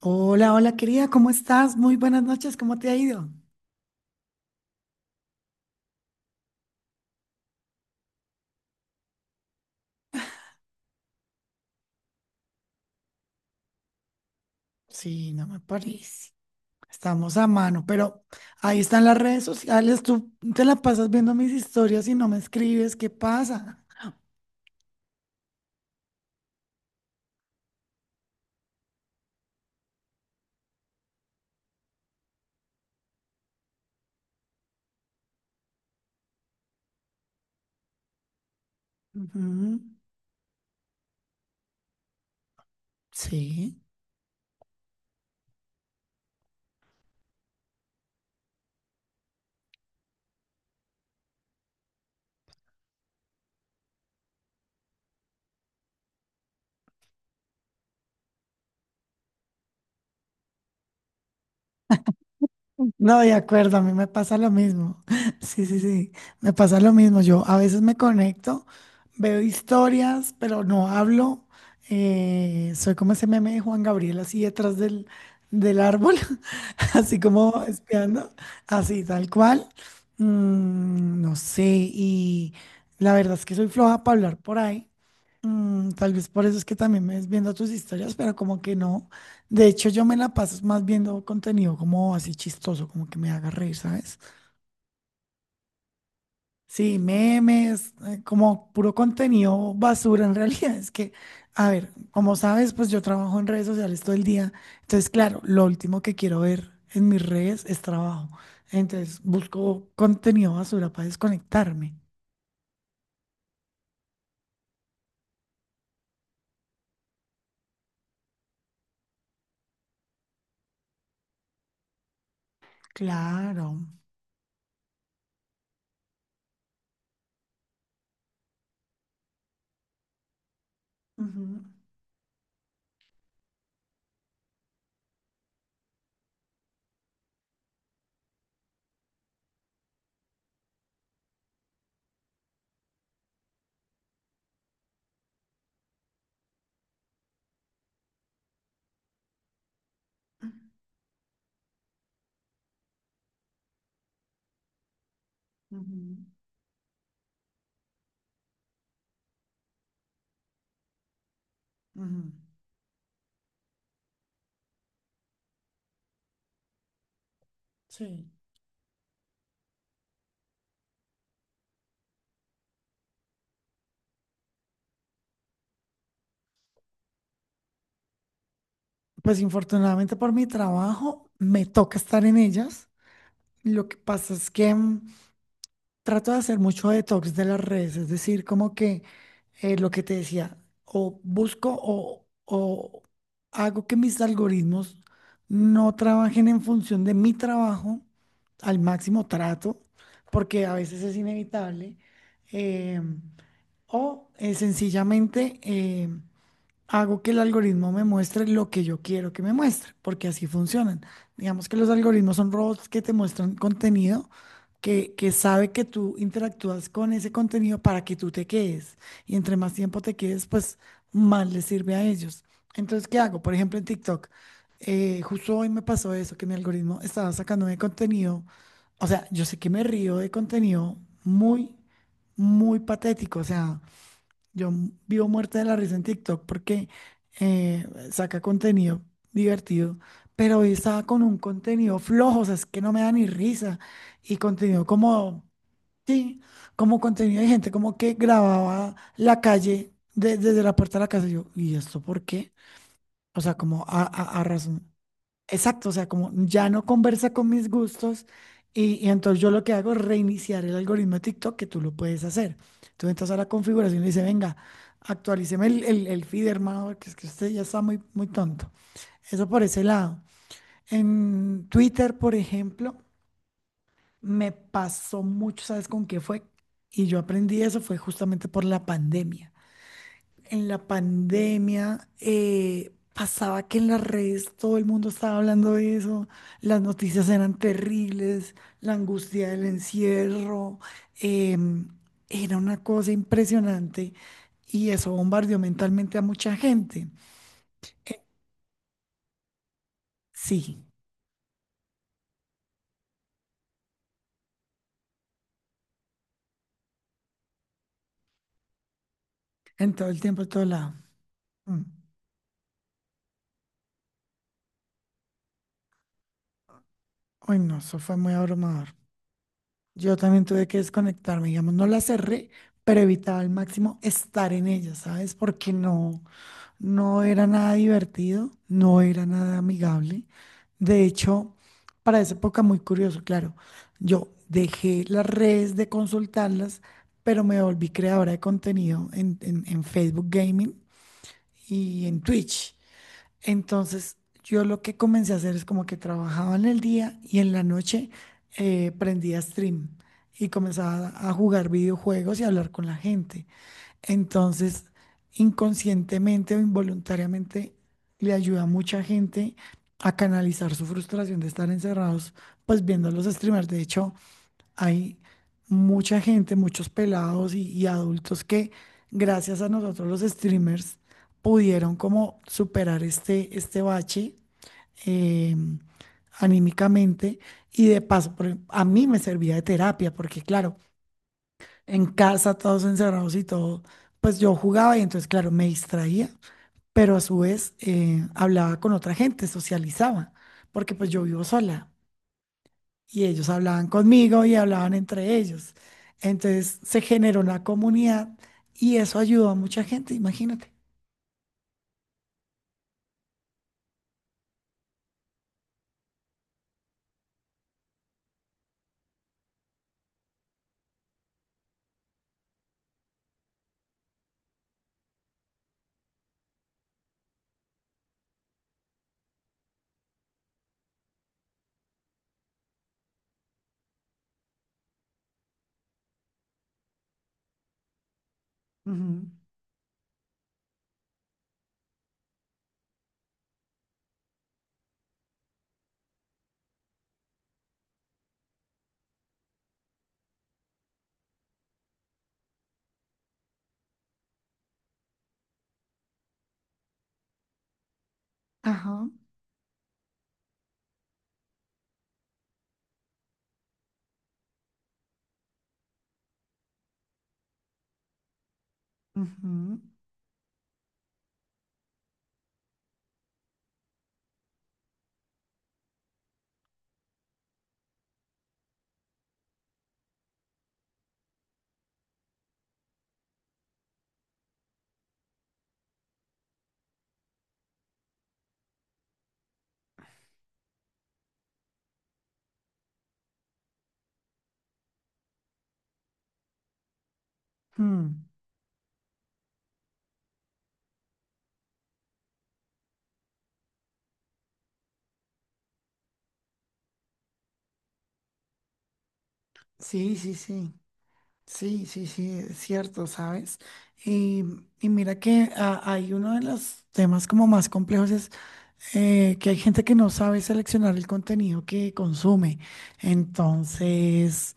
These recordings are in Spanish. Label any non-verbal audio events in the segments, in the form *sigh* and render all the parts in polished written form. Hola, hola querida, ¿cómo estás? Muy buenas noches, ¿cómo te ha ido? Sí, no me parece. Estamos a mano, pero ahí están las redes sociales, tú te la pasas viendo mis historias y no me escribes, ¿qué pasa? Ujú. Sí. No, de acuerdo, a mí me pasa lo mismo. *laughs* Sí, sí, sí, me pasa lo mismo. Yo a veces me conecto, veo historias, pero no hablo. Soy como ese meme de Juan Gabriel así detrás del árbol, *laughs* así como espiando, así tal cual. Mm, no sé, y la verdad es que soy floja para hablar por ahí. Mm, tal vez por eso es que también me ves viendo tus historias, pero como que no. De hecho, yo me la paso más viendo contenido como así chistoso, como que me haga reír, ¿sabes? Sí, memes, como puro contenido basura en realidad. Es que, a ver, como sabes, pues yo trabajo en redes sociales todo el día. Entonces, claro, lo último que quiero ver en mis redes es trabajo. Entonces, busco contenido basura para desconectarme. Claro. Ujú, ujú, ujú. Sí. Pues infortunadamente por mi trabajo me toca estar en ellas. Lo que pasa es que mm, trato de hacer mucho detox de las redes, es decir, como que lo que te decía, o busco o hago que mis algoritmos no trabajen en función de mi trabajo, al máximo trato, porque a veces es inevitable, eh, o sencillamente hago que el algoritmo me muestre lo que yo quiero que me muestre, porque así funcionan. Digamos que los algoritmos son robots que te muestran contenido que sabe que tú interactúas con ese contenido para que tú te quedes. Y entre más tiempo te quedes, pues más les sirve a ellos. Entonces, ¿qué hago? Por ejemplo, en TikTok, justo hoy me pasó eso, que mi algoritmo estaba sacando de contenido. O sea, yo sé que me río de contenido muy, muy patético. O sea, vivo muerta de la risa en TikTok porque saca contenido divertido, pero hoy estaba con un contenido flojo, o sea, es que no me da ni risa. Y contenido como, sí, como contenido de gente como que grababa la calle desde la puerta de la casa. Y yo, ¿y esto por qué? O sea, como a razón. Exacto, o sea, como ya no conversa con mis gustos y entonces yo lo que hago es reiniciar el algoritmo de TikTok que tú lo puedes hacer. Tú entras a la configuración y le dices, venga, actualíceme el feed, hermano, porque es que usted ya está muy tonto. Eso por ese lado. En Twitter, por ejemplo, me pasó mucho, ¿sabes con qué fue? Y yo aprendí eso fue justamente por la pandemia en la pandemia pasaba que en las redes todo el mundo estaba hablando de eso, las noticias eran terribles, la angustia del encierro, em, era una cosa impresionante y eso bombardeó mentalmente a mucha gente. Eh, sí, en todo el tiempo, en todo lado. Mm. Uy, no, eso fue muy abrumador. Yo también tuve que desconectarme, digamos, no la cerré, pero evitaba al máximo estar en ella, ¿sabes? Porque no. No era nada divertido, no era nada amigable. De hecho, para esa época muy curioso, claro, yo dejé las redes de consultarlas, pero me volví creadora de contenido en, en Facebook Gaming y en Twitch. Entonces, yo lo que comencé a hacer es como que trabajaba en el día y en la noche prendía stream y comenzaba a jugar videojuegos y a hablar con la gente. Entonces, inconscientemente o involuntariamente, le ayuda a mucha gente a canalizar su frustración de estar encerrados, pues viendo los streamers. De hecho, hay mucha gente, muchos pelados y adultos que, gracias a nosotros los streamers, pudieron como superar este, este bache. em, Anímicamente y de paso, a mí me servía de terapia, porque claro, en casa, todos encerrados y todo, pues yo jugaba y entonces, claro, me distraía, pero a su vez hablaba con otra gente, socializaba, porque pues yo vivo sola y ellos hablaban conmigo y hablaban entre ellos. Entonces se generó una comunidad y eso ayudó a mucha gente, imagínate. Ujú. Ajá. Ujú, mm. Sí, sí, sí. Sí, sí, sí, es cierto, ¿sabes? Y, y mira que ah, hay uno de los temas como más complejos es que hay gente que no sabe seleccionar el contenido que consume. Entonces,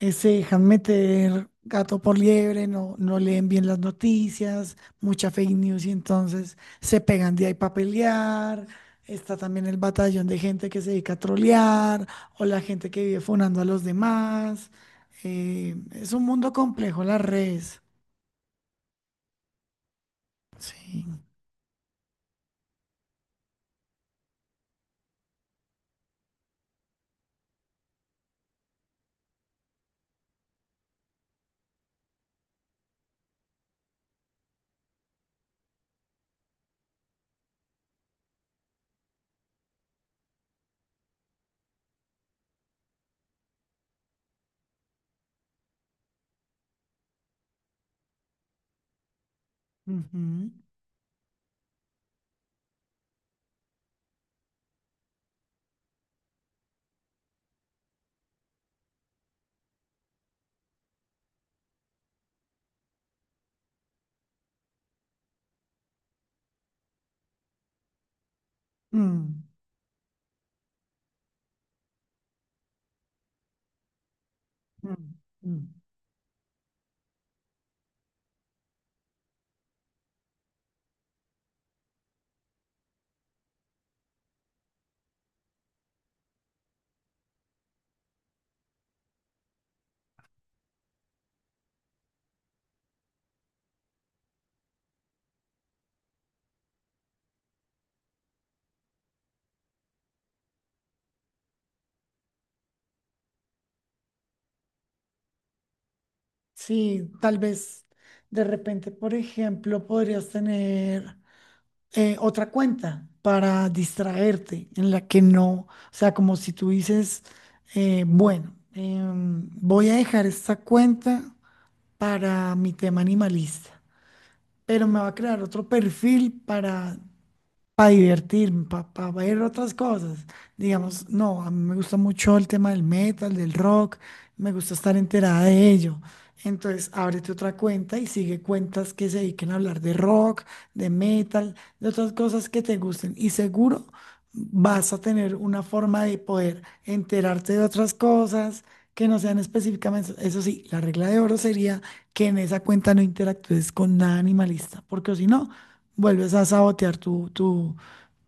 se dejan meter gato por liebre, no, no leen bien las noticias, mucha fake news y entonces se pegan de ahí para pelear. Está también el batallón de gente que se dedica a trolear o la gente que vive funando a los demás. Es un mundo complejo las redes. Sí. Ujú. Mm, mm, mm, mm. Sí, tal vez de repente, por ejemplo, podrías tener otra cuenta para distraerte en la que no, o sea, como si tú dices, voy a dejar esta cuenta para mi tema animalista, pero me va a crear otro perfil para divertirme, para ver otras cosas. Digamos, no, a mí me gusta mucho el tema del metal, del rock, me gusta estar enterada de ello. Entonces, ábrete otra cuenta y sigue cuentas que se dediquen a hablar de rock, de metal, de otras cosas que te gusten. Y seguro vas a tener una forma de poder enterarte de otras cosas que no sean específicamente. Eso sí, la regla de oro sería que en esa cuenta no interactúes con nada animalista, porque si no, vuelves a sabotear tu, tu,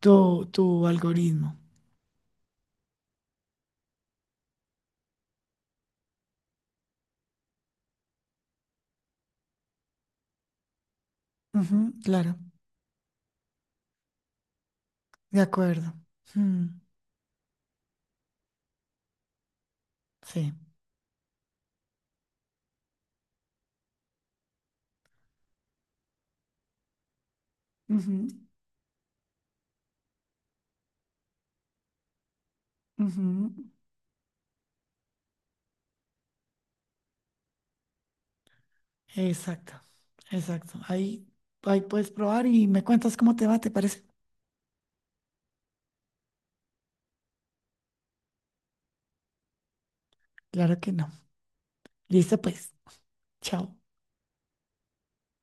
tu, tu algoritmo. Ujú, claro, de acuerdo. Mm, sí. Ujú, ujú. Exacto, exacto. Ahí, ahí puedes probar y me cuentas cómo te va, ¿te parece? Claro que no. Listo, pues. Chao.